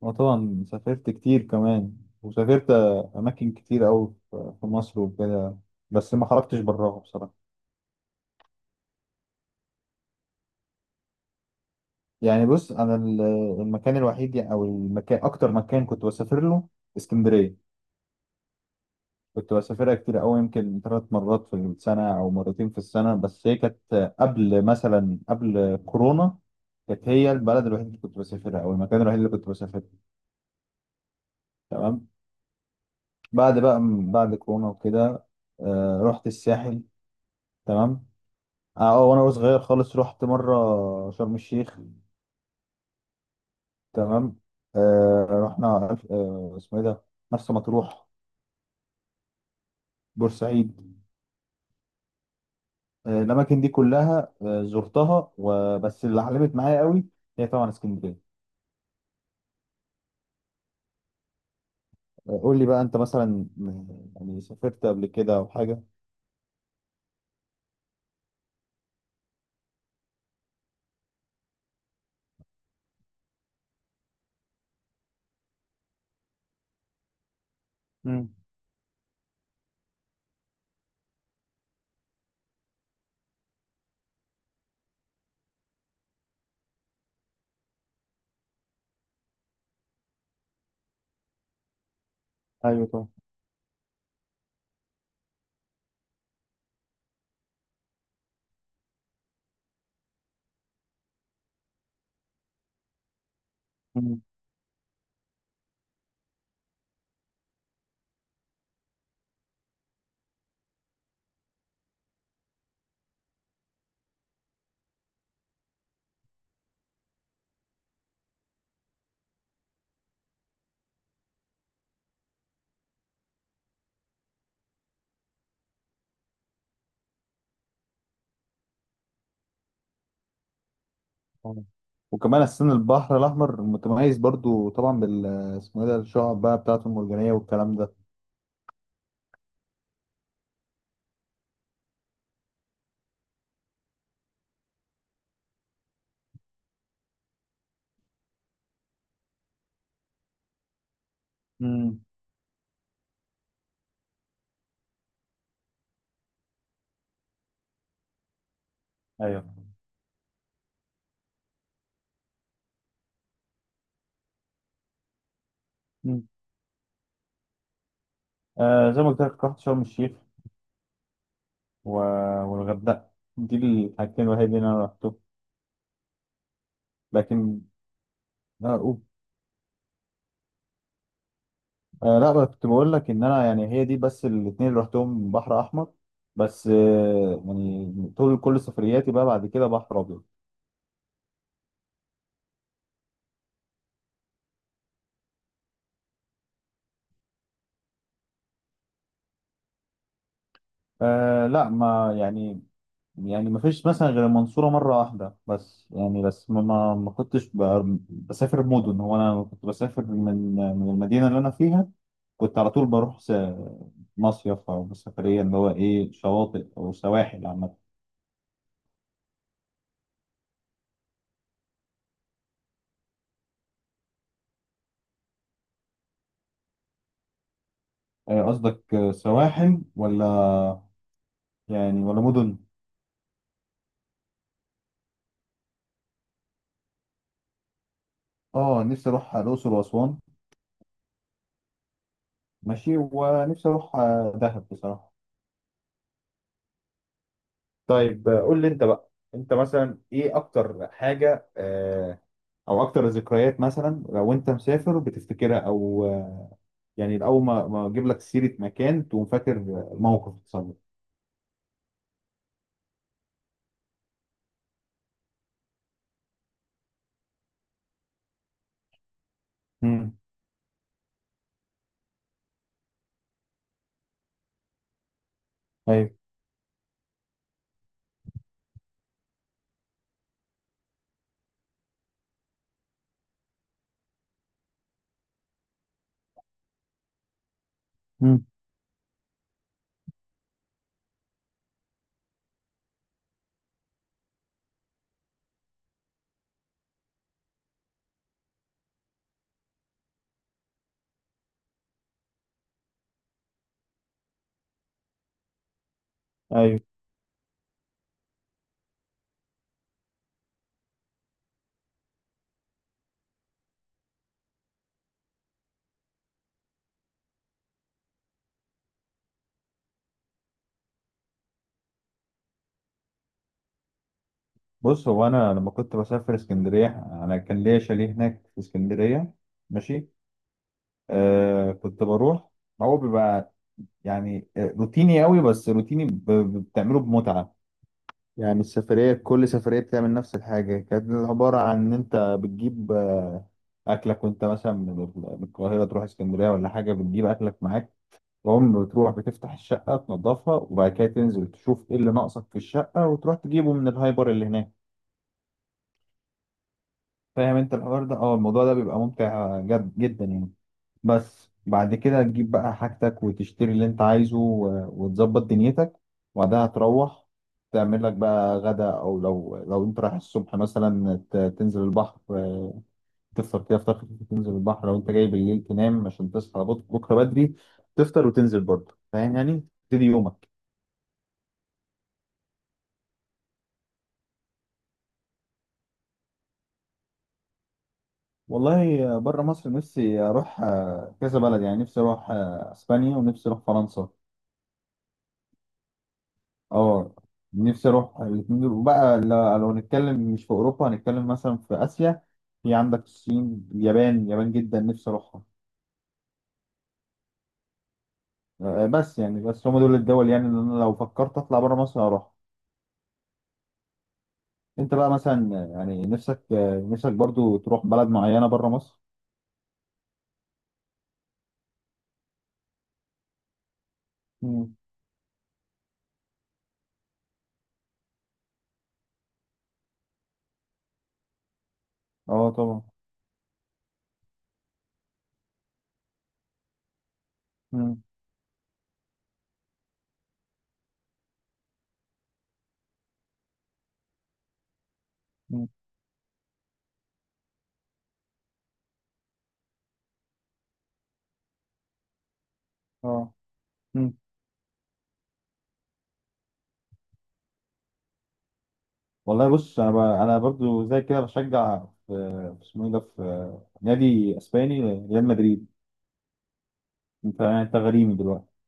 وطبعا سافرت كتير كمان، وسافرت أماكن كتير أوي في مصر وكده، بس ما خرجتش براها بصراحة. يعني بص، أنا المكان الوحيد أو المكان أكتر مكان كنت بسافر له اسكندرية. كنت بسافرها كتير أوي، يمكن 3 مرات في السنة أو مرتين في السنة، بس هي كانت قبل، مثلا قبل كورونا. كانت هي البلد الوحيد اللي كنت بسافرها أو المكان الوحيد اللي كنت بسافره. تمام. بعد بقى بعد كورونا وكده، رحت الساحل. تمام. وانا صغير خالص رحت مره شرم الشيخ. تمام. رحنا، اسمه ايه ده، مرسى مطروح، بورسعيد. الاماكن دي كلها زرتها، وبس اللي علمت معايا قوي هي طبعا اسكندريه. قول لي بقى انت مثلا، يعني سافرت قبل كده او حاجه؟ مم. ايوه طبعا. مم. طبعاً. وكمان السن البحر الاحمر متميز برضو طبعا بال، اسمه ايه ده، الشعب بقى بتاعته المرجانيه والكلام ده. مم. ايوه. مم. زي ما قلت لك، رحت شرم الشيخ و... والغردقة. دي الحاجتين الوحيدين اللي انا رحتهم، لكن. لا أقول. لا بقى، كنت بقول لك ان انا يعني هي دي بس الاتنين اللي رحتهم بحر احمر. بس يعني طول كل سفرياتي بقى بعد كده بحر ابيض. لا ما يعني ما فيش مثلا غير المنصورة مرة واحدة بس، يعني بس ما كنتش بسافر مدن. هو انا كنت بسافر من المدينة اللي انا فيها، كنت على طول بروح مصيف او سفرية، اللي هو ايه، شواطئ او سواحل عامة. قصدك سواحل ولا، يعني ولا مدن؟ اه، نفسي اروح الاقصر واسوان. ماشي. ونفسي اروح دهب بصراحه. طيب، قول لي انت بقى، انت مثلا ايه اكتر حاجة، او اكتر ذكريات، مثلا لو انت مسافر بتفتكرها، او يعني اول ما اجيب لك سيره مكان تقوم فاكر موقف حصل لك. امم، ايوه. امم، ايوه. بص، هو انا لما كنت بسافر اسكندريه، انا كان ليا شاليه هناك في اسكندريه. ماشي. كنت بروح، هو بيبقى يعني روتيني قوي، بس روتيني بتعمله بمتعة. يعني السفرية، كل سفرية بتعمل نفس الحاجة، كانت عبارة عن إن أنت بتجيب أكلك، وأنت مثلا من القاهرة تروح اسكندرية ولا حاجة بتجيب أكلك معاك. تقوم بتروح بتفتح الشقة تنظفها، وبعد كده تنزل تشوف إيه اللي ناقصك في الشقة وتروح تجيبه من الهايبر اللي هناك. فاهم أنت الحوار ده؟ الموضوع ده بيبقى ممتع جد جدا يعني. بس بعد كده تجيب بقى حاجتك وتشتري اللي انت عايزه وتظبط دنيتك، وبعدها تروح تعمل لك بقى غدا، او لو انت رايح الصبح مثلا، تنزل البحر، تفطر كده فطار خفيف تنزل البحر. لو انت جاي بالليل تنام عشان تصحى بكره بدري، تفطر وتنزل برضه. فاهم؟ يعني تبتدي يومك. والله بره مصر نفسي اروح كذا بلد، يعني نفسي اروح اسبانيا، ونفسي اروح فرنسا. اه نفسي اروح الاتنين دول. وبقى لو هنتكلم مش في اوروبا، هنتكلم مثلا في اسيا، في عندك الصين، اليابان. اليابان جدا نفسي اروحها. بس يعني بس هم دول الدول، يعني اللي انا لو فكرت اطلع بره مصر هروح. انت بقى مثلا، يعني نفسك برضو تروح بلد معينة بره مصر؟ مم. اه طبعا. مم. مم. اه. مم. والله، بص، انا انا برضو زي كده بشجع، اسمه ايه ده، في نادي اسباني، ريال مدريد. انت يعني انت غريمي دلوقتي.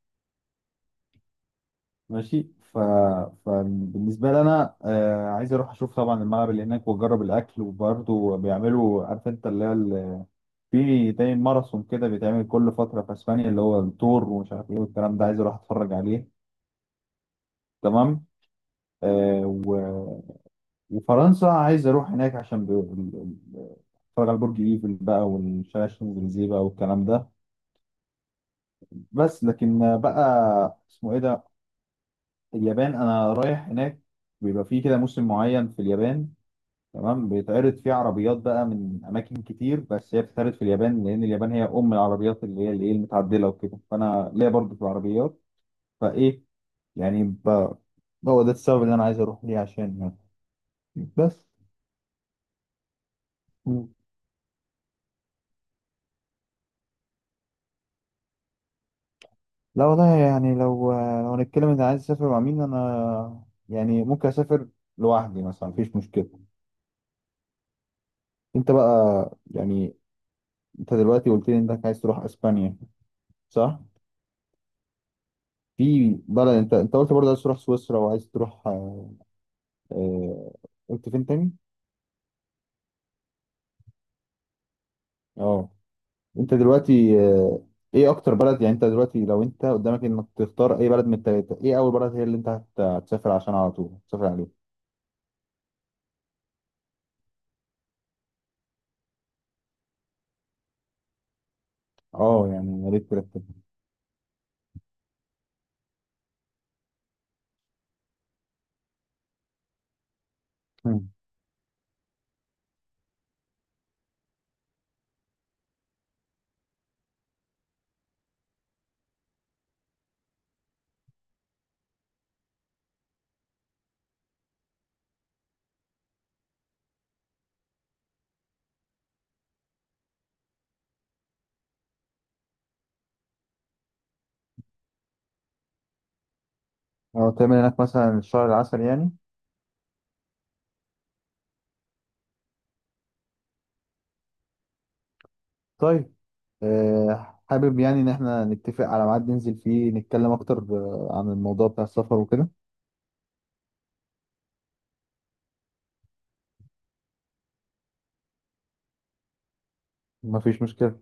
ماشي. ف... فبالنسبه لي انا عايز اروح اشوف طبعا الملعب اللي هناك، واجرب الاكل، وبرضه بيعملوا، عارف انت اللي هي في زي ماراثون كده بيتعمل كل فتره في اسبانيا، اللي هو التور ومش عارف ايه والكلام ده، عايز اروح اتفرج عليه. تمام. آه و... وفرنسا عايز اروح هناك عشان اتفرج على برج ايفل بقى والشارع الشانزليزيه بقى والكلام ده. بس لكن بقى اسمه ايه ده، اليابان انا رايح هناك. بيبقى فيه كده موسم معين في اليابان، تمام، بيتعرض فيه عربيات بقى من اماكن كتير، بس هي بتتعرض في اليابان لان اليابان هي ام العربيات، اللي هي المتعدله وكده، فانا ليا برضه في العربيات. فايه، يعني هو ده السبب اللي انا عايز اروح ليه، عشان يعني، بس. مم. لا والله، يعني لو هنتكلم ان عايز اسافر مع مين انا، يعني ممكن اسافر لوحدي مثلا، مفيش مشكله. انت بقى يعني، انت دلوقتي قلت لي انك عايز تروح اسبانيا صح؟ في بلد، انت قلت برضه عايز تروح سويسرا، وعايز تروح آه، قلت فين تاني؟ اه انت دلوقتي، ايه اكتر بلد، يعني انت دلوقتي لو انت قدامك انك تختار اي بلد من التلاتة، ايه اول بلد هي اللي انت هتسافر عشان على طول تسافر عليه؟ اه يعني يا ريت ترتب. مم. اه تعمل هناك مثلا الشهر العسل يعني؟ طيب، حابب يعني ان احنا نتفق على ميعاد ننزل فيه نتكلم اكتر عن الموضوع بتاع السفر وكده. مفيش مشكلة.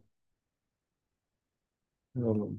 يلا.